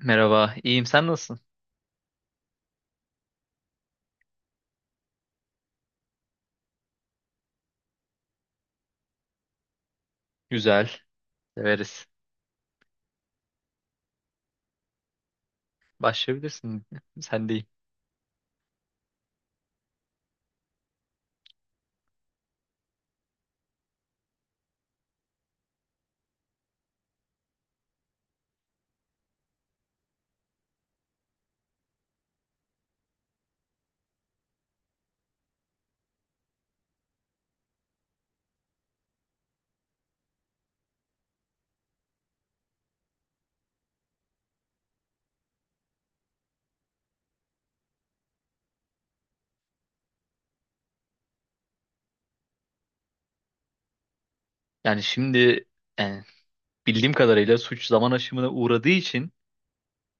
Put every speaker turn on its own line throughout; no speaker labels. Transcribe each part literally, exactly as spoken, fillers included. Merhaba, iyiyim. Sen nasılsın? Güzel, severiz. Başlayabilirsin. Sen değil. Yani şimdi, yani bildiğim kadarıyla suç zaman aşımına uğradığı için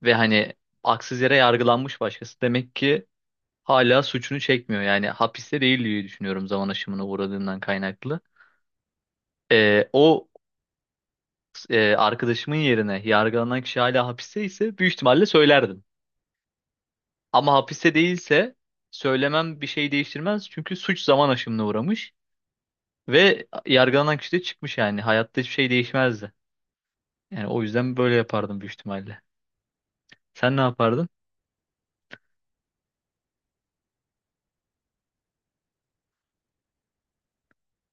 ve hani haksız yere yargılanmış başkası demek ki hala suçunu çekmiyor. Yani hapiste değil diye düşünüyorum zaman aşımına uğradığından kaynaklı. Ee, o e, arkadaşımın yerine yargılanan kişi hala hapiste ise büyük ihtimalle söylerdim. Ama hapiste değilse söylemem bir şey değiştirmez çünkü suç zaman aşımına uğramış. Ve yargılanan kişi de çıkmış yani. Hayatta hiçbir şey değişmezdi. Yani o yüzden böyle yapardım büyük ihtimalle. Sen ne yapardın?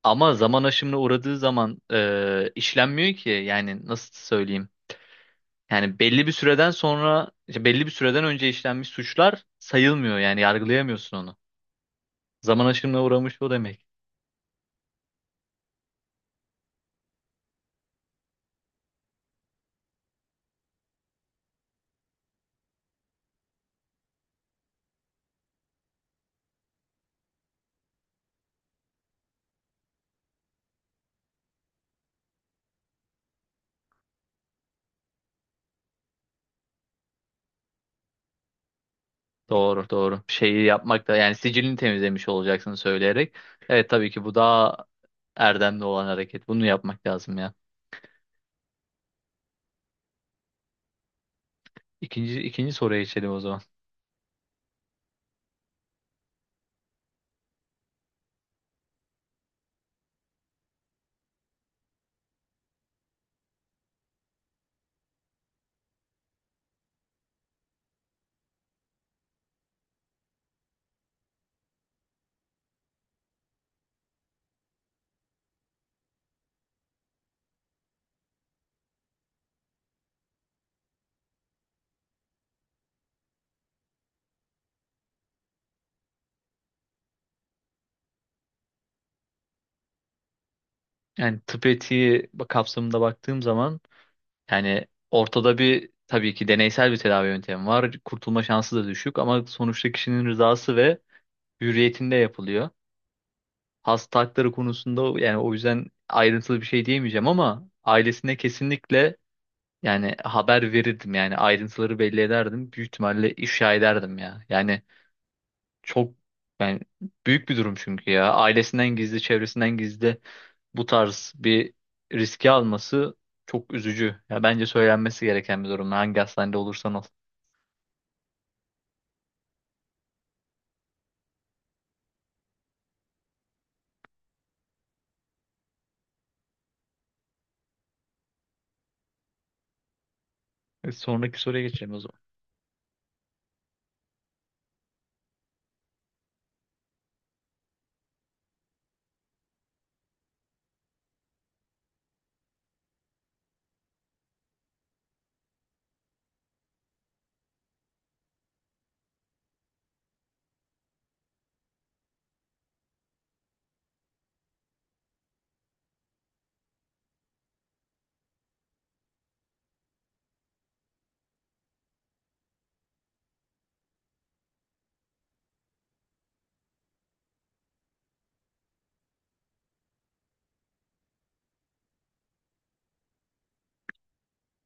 Ama zaman aşımına uğradığı zaman e, işlenmiyor ki. Yani nasıl söyleyeyim? Yani belli bir süreden sonra, işte belli bir süreden önce işlenmiş suçlar sayılmıyor. Yani yargılayamıyorsun onu. Zaman aşımına uğramış o demek. Doğru, doğru. Şeyi yapmak da yani sicilini temizlemiş olacaksın söyleyerek. Evet, tabii ki bu daha erdemli olan hareket. Bunu yapmak lazım ya. İkinci, ikinci soruya geçelim o zaman. Yani tıp etiği kapsamında baktığım zaman, yani ortada bir tabii ki deneysel bir tedavi yöntemi var. Kurtulma şansı da düşük ama sonuçta kişinin rızası ve hürriyetinde yapılıyor. Hasta hakları konusunda yani o yüzden ayrıntılı bir şey diyemeyeceğim ama ailesine kesinlikle yani haber verirdim, yani ayrıntıları belli ederdim. Büyük ihtimalle ifşa ederdim ya. Yani çok, ben, büyük bir durum çünkü ya. Ailesinden gizli, çevresinden gizli bu tarz bir riski alması çok üzücü. Ya bence söylenmesi gereken bir durum. Hangi hastanede olursan ol. E, Sonraki soruya geçelim o zaman.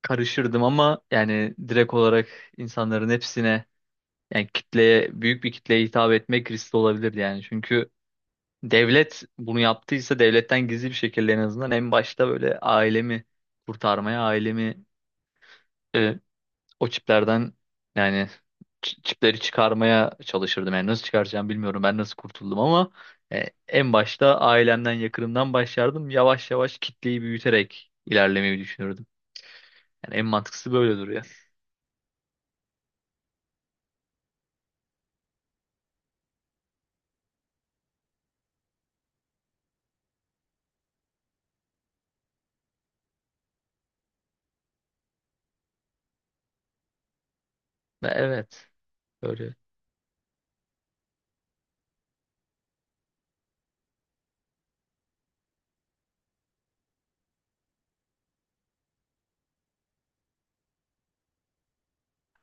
Karışırdım ama yani direkt olarak insanların hepsine, yani kitleye, büyük bir kitleye hitap etmek riskli olabilirdi yani. Çünkü devlet bunu yaptıysa devletten gizli bir şekilde en azından en başta böyle ailemi kurtarmaya, ailemi, e, o çiplerden, yani çi- çipleri çıkarmaya çalışırdım. Yani nasıl çıkaracağım bilmiyorum. Ben nasıl kurtuldum ama e, en başta ailemden, yakınımdan başlardım. Yavaş yavaş kitleyi büyüterek ilerlemeyi düşünürdüm. Yani en mantıklısı böyle duruyor. Ve Evet, böyle.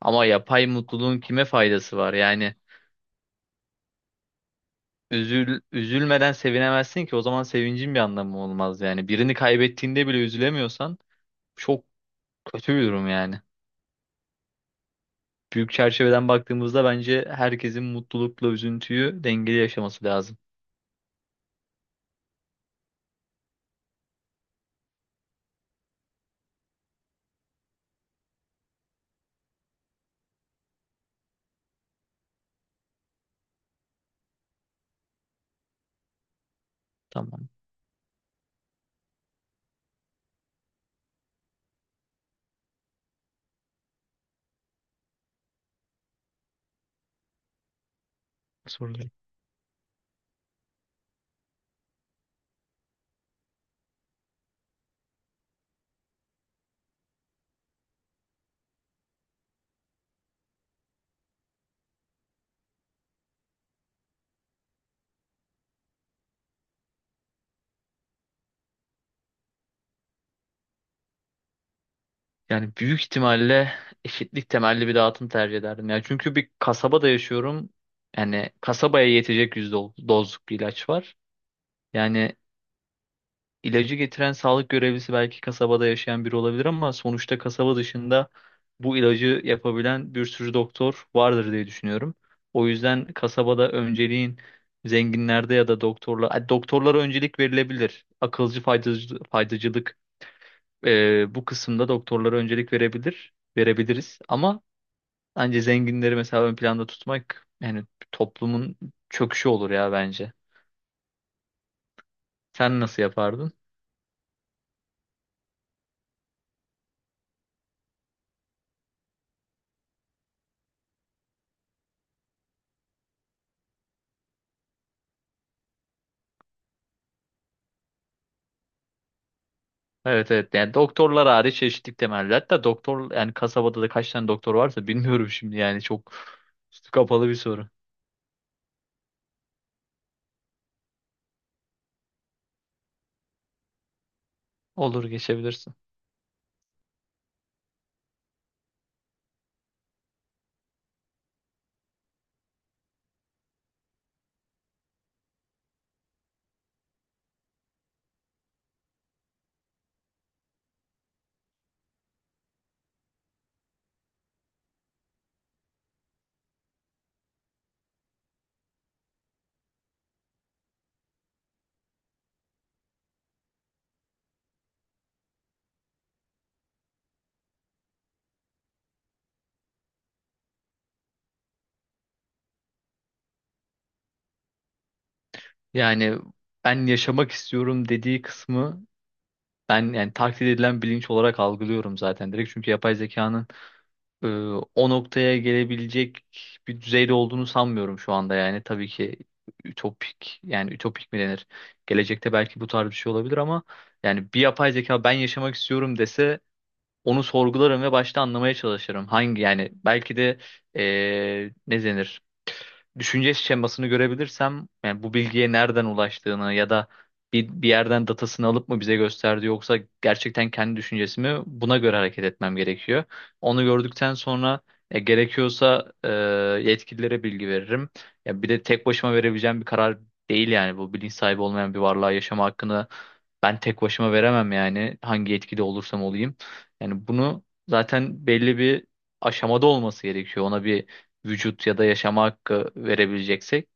Ama yapay mutluluğun kime faydası var? Yani üzül üzülmeden sevinemezsin ki, o zaman sevincin bir anlamı olmaz yani. Birini kaybettiğinde bile üzülemiyorsan çok kötü bir durum yani. Büyük çerçeveden baktığımızda bence herkesin mutlulukla üzüntüyü dengeli yaşaması lazım. Tamam. Sorularım. Yani büyük ihtimalle eşitlik temelli bir dağıtım tercih ederdim. Yani çünkü bir kasabada yaşıyorum. Yani kasabaya yetecek yüz do- dozluk bir ilaç var. Yani İlacı getiren sağlık görevlisi belki kasabada yaşayan biri olabilir ama sonuçta kasaba dışında bu ilacı yapabilen bir sürü doktor vardır diye düşünüyorum. O yüzden kasabada önceliğin zenginlerde ya da doktorlar, Ay, doktorlara öncelik verilebilir. Akılcı faydacı, faydacılık, e, bu kısımda doktorlara öncelik verebilir, verebiliriz. Ama bence zenginleri mesela ön planda tutmak yani toplumun çöküşü olur ya bence. Sen nasıl yapardın? Evet, evet, yani doktorlar hariç eşitlik temelli. Hatta doktor, yani kasabada da kaç tane doktor varsa bilmiyorum şimdi, yani çok üstü kapalı bir soru. Olur, geçebilirsin. Yani ben yaşamak istiyorum dediği kısmı, ben yani taklit edilen bilinç olarak algılıyorum zaten direkt. Çünkü yapay zekanın e, o noktaya gelebilecek bir düzeyde olduğunu sanmıyorum şu anda yani. Tabii ki ütopik, yani ütopik mi denir? Gelecekte belki bu tarz bir şey olabilir ama yani bir yapay zeka ben yaşamak istiyorum dese onu sorgularım ve başta anlamaya çalışırım. Hangi, yani belki de eee ne denir? Düşünce şemasını görebilirsem, yani bu bilgiye nereden ulaştığını ya da bir, bir yerden datasını alıp mı bize gösterdi, yoksa gerçekten kendi düşüncesi mi, buna göre hareket etmem gerekiyor. Onu gördükten sonra, e, gerekiyorsa e, yetkililere bilgi veririm. Ya bir de tek başıma verebileceğim bir karar değil yani bu, bilinç sahibi olmayan bir varlığa yaşama hakkını ben tek başıma veremem yani hangi yetkili olursam olayım. Yani bunu zaten belli bir aşamada olması gerekiyor. Ona bir vücut ya da yaşama hakkı verebileceksek.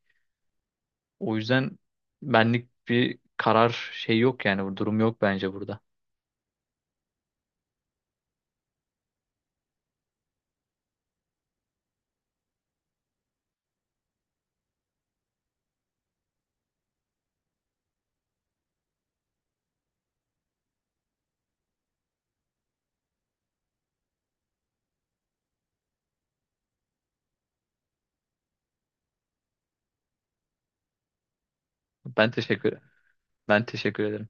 O yüzden benlik bir karar şey yok yani, bu durum yok bence burada. Ben teşekkür Ben teşekkür ederim.